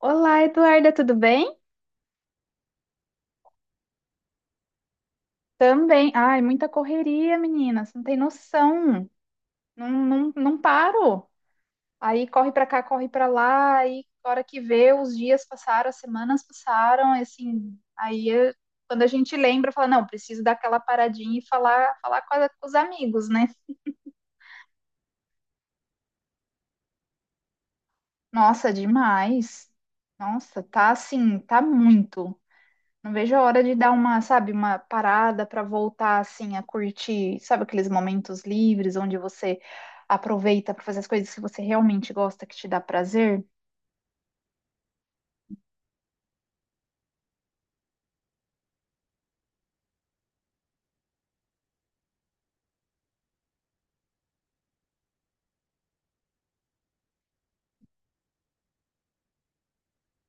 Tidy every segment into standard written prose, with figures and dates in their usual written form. Olá, Eduarda, tudo bem? Também. Ai, muita correria, menina. Você não tem noção. Não, não, não paro. Aí corre pra cá, corre pra lá. Aí, a hora que vê, os dias passaram, as semanas passaram, e assim, quando a gente lembra, fala, não, preciso dar aquela paradinha e falar com os amigos, né? Nossa, demais. Nossa, tá assim, tá muito. Não vejo a hora de dar uma, sabe, uma parada para voltar assim a curtir, sabe, aqueles momentos livres onde você aproveita para fazer as coisas que você realmente gosta, que te dá prazer.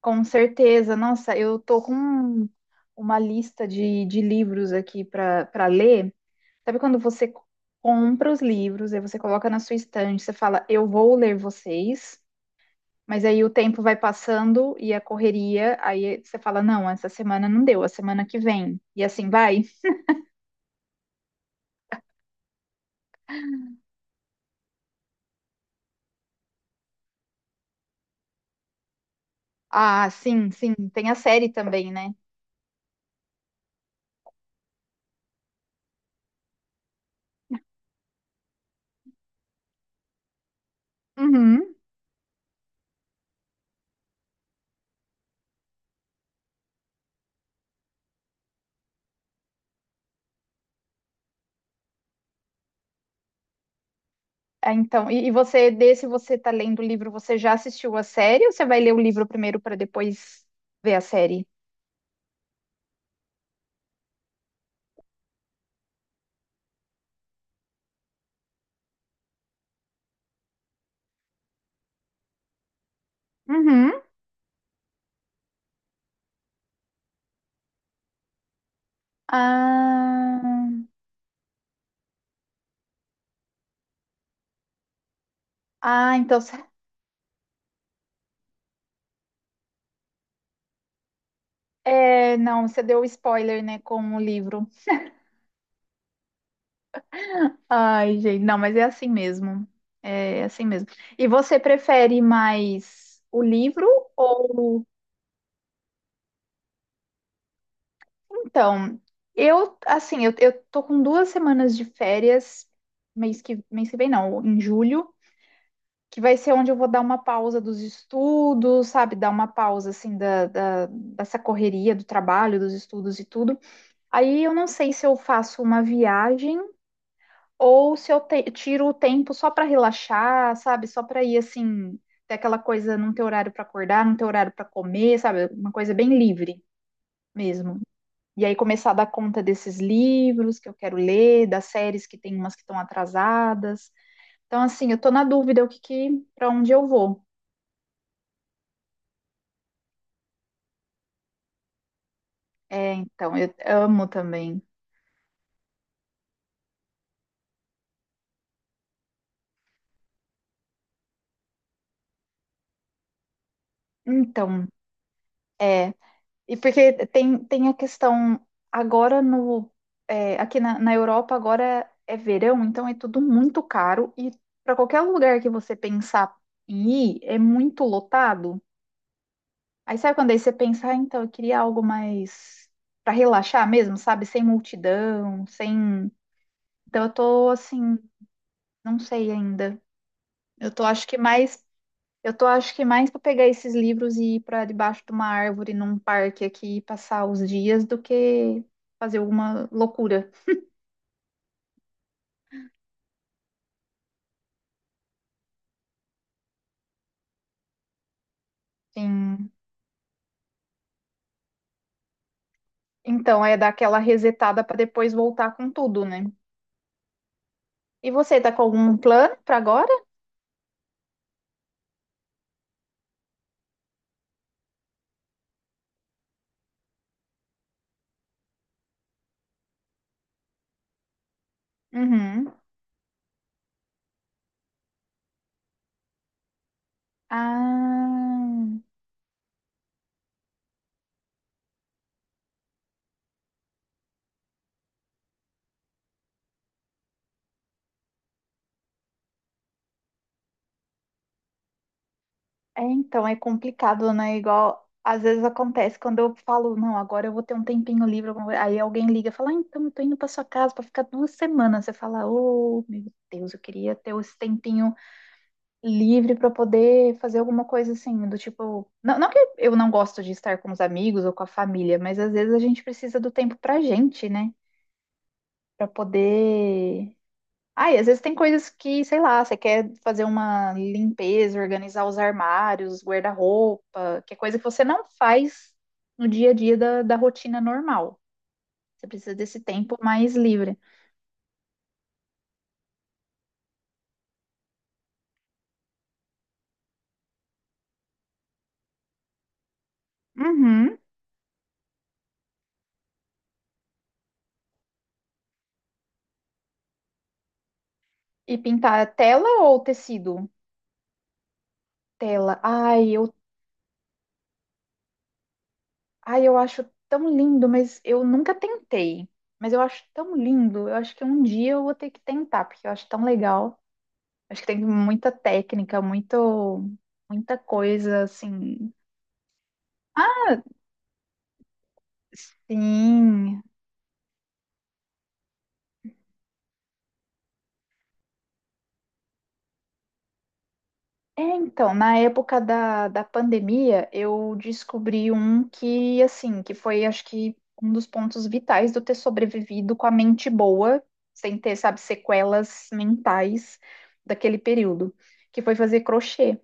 Com certeza, nossa, eu tô com uma lista de livros aqui para ler. Sabe quando você compra os livros, aí você coloca na sua estante, você fala, eu vou ler vocês. Mas aí o tempo vai passando e a correria, aí você fala, não, essa semana não deu, a semana que vem. E assim vai. Ah, sim, sim. Tem a série também, né? Uhum. Ah, então, e você, desse você tá lendo o livro, você já assistiu a série ou você vai ler o livro primeiro para depois ver a série? Uhum. Ah, ah, então, é, não, você deu spoiler, né, com o livro. Ai, gente, não, mas é assim mesmo. É assim mesmo. E você prefere mais o livro. Então, eu, assim, eu tô com duas semanas de férias, mês que vem não, em julho, que vai ser onde eu vou dar uma pausa dos estudos, sabe? Dar uma pausa, assim, dessa correria do trabalho, dos estudos e tudo. Aí eu não sei se eu faço uma viagem ou se eu tiro o tempo só pra relaxar, sabe? Só pra ir, assim, ter aquela coisa, não ter horário pra acordar, não ter horário pra comer, sabe? Uma coisa bem livre mesmo. E aí começar a dar conta desses livros que eu quero ler, das séries que tem umas que estão atrasadas. Então, assim, eu tô na dúvida o que que, para onde eu vou. É, então, eu amo também. Então, é. E porque tem, tem a questão agora no é, aqui na Europa agora é verão, então é tudo muito caro e para qualquer lugar que você pensar em ir é muito lotado. Aí sabe quando aí você pensa, ah, então eu queria algo mais para relaxar mesmo, sabe? Sem multidão, sem. Então eu tô assim, não sei ainda. Eu tô acho que mais, eu tô acho que mais para pegar esses livros e ir para debaixo de uma árvore num parque aqui e passar os dias do que fazer alguma loucura. Sim. Então é dar aquela resetada para depois voltar com tudo, né? E você tá com algum plano para agora? Uhum. Ah. É, então, é complicado, né? Igual, às vezes acontece, quando eu falo, não, agora eu vou ter um tempinho livre, alguma coisa", aí alguém liga e fala, ah, então, eu tô indo pra sua casa pra ficar duas semanas. Você fala, oh, meu Deus, eu queria ter esse tempinho livre pra poder fazer alguma coisa assim, do tipo. Não, não que eu não gosto de estar com os amigos ou com a família, mas às vezes a gente precisa do tempo pra gente, né? Pra poder. Ai, às vezes tem coisas que, sei lá, você quer fazer uma limpeza, organizar os armários, guarda-roupa, que é coisa que você não faz no dia a dia da rotina normal. Você precisa desse tempo mais livre. Uhum. E pintar tela ou tecido? Tela. Ai, eu acho tão lindo, mas eu nunca tentei. Mas eu acho tão lindo. Eu acho que um dia eu vou ter que tentar, porque eu acho tão legal. Acho que tem muita técnica, muita coisa assim. Sim. É, então, na época da pandemia, eu descobri um que, assim, que foi, acho que, um dos pontos vitais do ter sobrevivido com a mente boa, sem ter, sabe, sequelas mentais daquele período, que foi fazer crochê.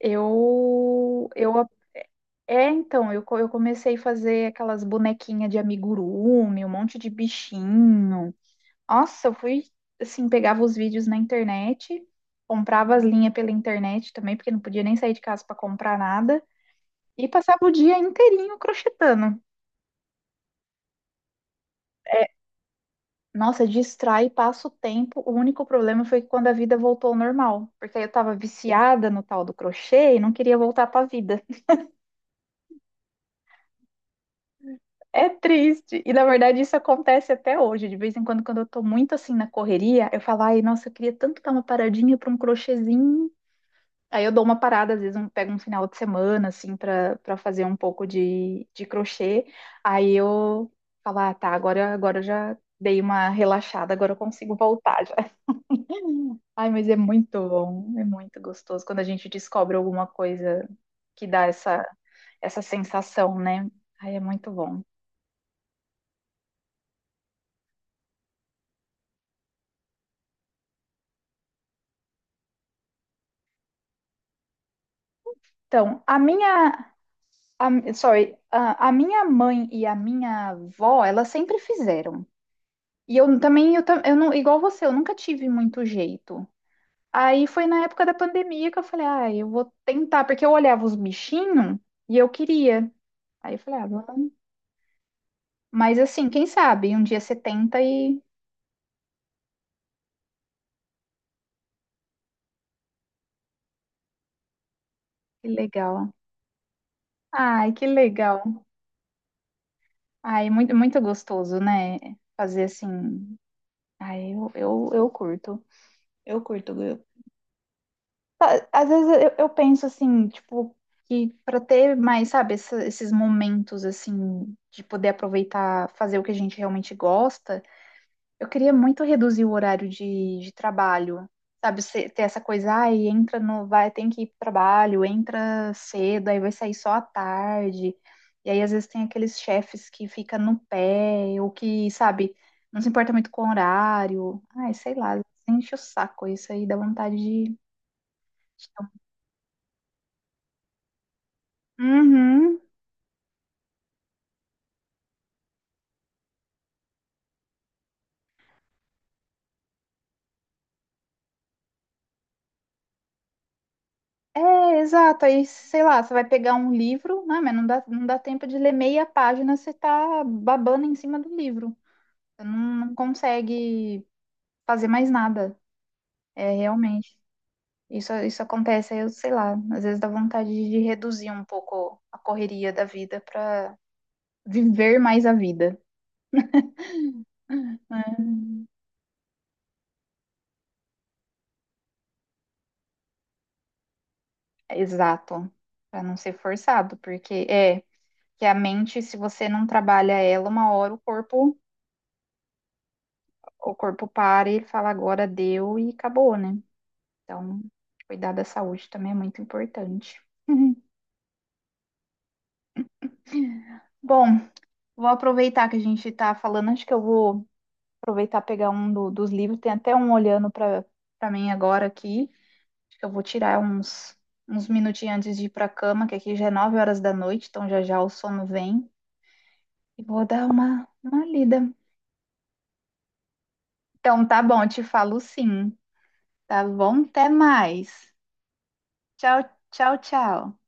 Eu é, então, eu comecei a fazer aquelas bonequinhas de amigurumi, um monte de bichinho. Nossa, eu fui assim, pegava os vídeos na internet, comprava as linhas pela internet também, porque não podia nem sair de casa para comprar nada, e passava o dia inteirinho crochetando. É, nossa, distrai, passa o tempo. O único problema foi quando a vida voltou ao normal, porque aí eu tava viciada no tal do crochê e não queria voltar para a vida. É triste. E na verdade isso acontece até hoje, de vez em quando eu tô muito assim na correria, eu falo, ai, nossa, eu queria tanto dar uma paradinha para um crochêzinho. Aí eu dou uma parada, às vezes eu pego um final de semana, assim, pra fazer um pouco de crochê. Aí eu falo, ah, tá, agora eu já dei uma relaxada, agora eu consigo voltar já. Ai, mas é muito bom, é muito gostoso quando a gente descobre alguma coisa que dá essa sensação, né? Ai, é muito bom. Então, sorry, a minha mãe e a minha avó, elas sempre fizeram. E eu também, eu não, igual você, eu nunca tive muito jeito. Aí foi na época da pandemia que eu falei, ah, eu vou tentar, porque eu olhava os bichinhos e eu queria. Aí eu falei, ah, vamos. Mas assim, quem sabe? Um dia você tenta e. Que legal. Ai, que legal. Ai, muito, muito gostoso, né? Fazer assim. Ai, eu curto. Eu curto. Tá, às vezes eu penso assim, tipo, que para ter mais, sabe, esses momentos assim de poder aproveitar, fazer o que a gente realmente gosta, eu queria muito reduzir o horário de trabalho, sabe, ter essa coisa, ai, entra no, vai, tem que ir pro trabalho, entra cedo, aí vai sair só à tarde. E aí às vezes tem aqueles chefes que fica no pé, ou que, sabe, não se importa muito com o horário. Ai, sei lá, enche o saco, isso aí dá vontade de. Uhum. É, exato. Aí, sei lá, você vai pegar um livro, né? Mas não dá tempo de ler meia página, você tá babando em cima do livro. Você não consegue fazer mais nada. É, realmente. Isso acontece, aí eu sei lá, às vezes dá vontade de reduzir um pouco a correria da vida para viver mais a vida. Exato. Para não ser forçado, porque é que a mente, se você não trabalha ela, uma hora o corpo, para e ele fala agora deu e acabou, né? Então, cuidar da saúde também é muito importante. Uhum. Bom, vou aproveitar que a gente está falando, acho que eu vou aproveitar pegar um dos livros, tem até um olhando para mim agora aqui. Acho que eu vou tirar uns minutinhos antes de ir para a cama, que aqui já é 9 horas da noite, então já já o sono vem. E vou dar uma lida. Então, tá bom, te falo sim. Tá bom? Até mais. Tchau, tchau, tchau.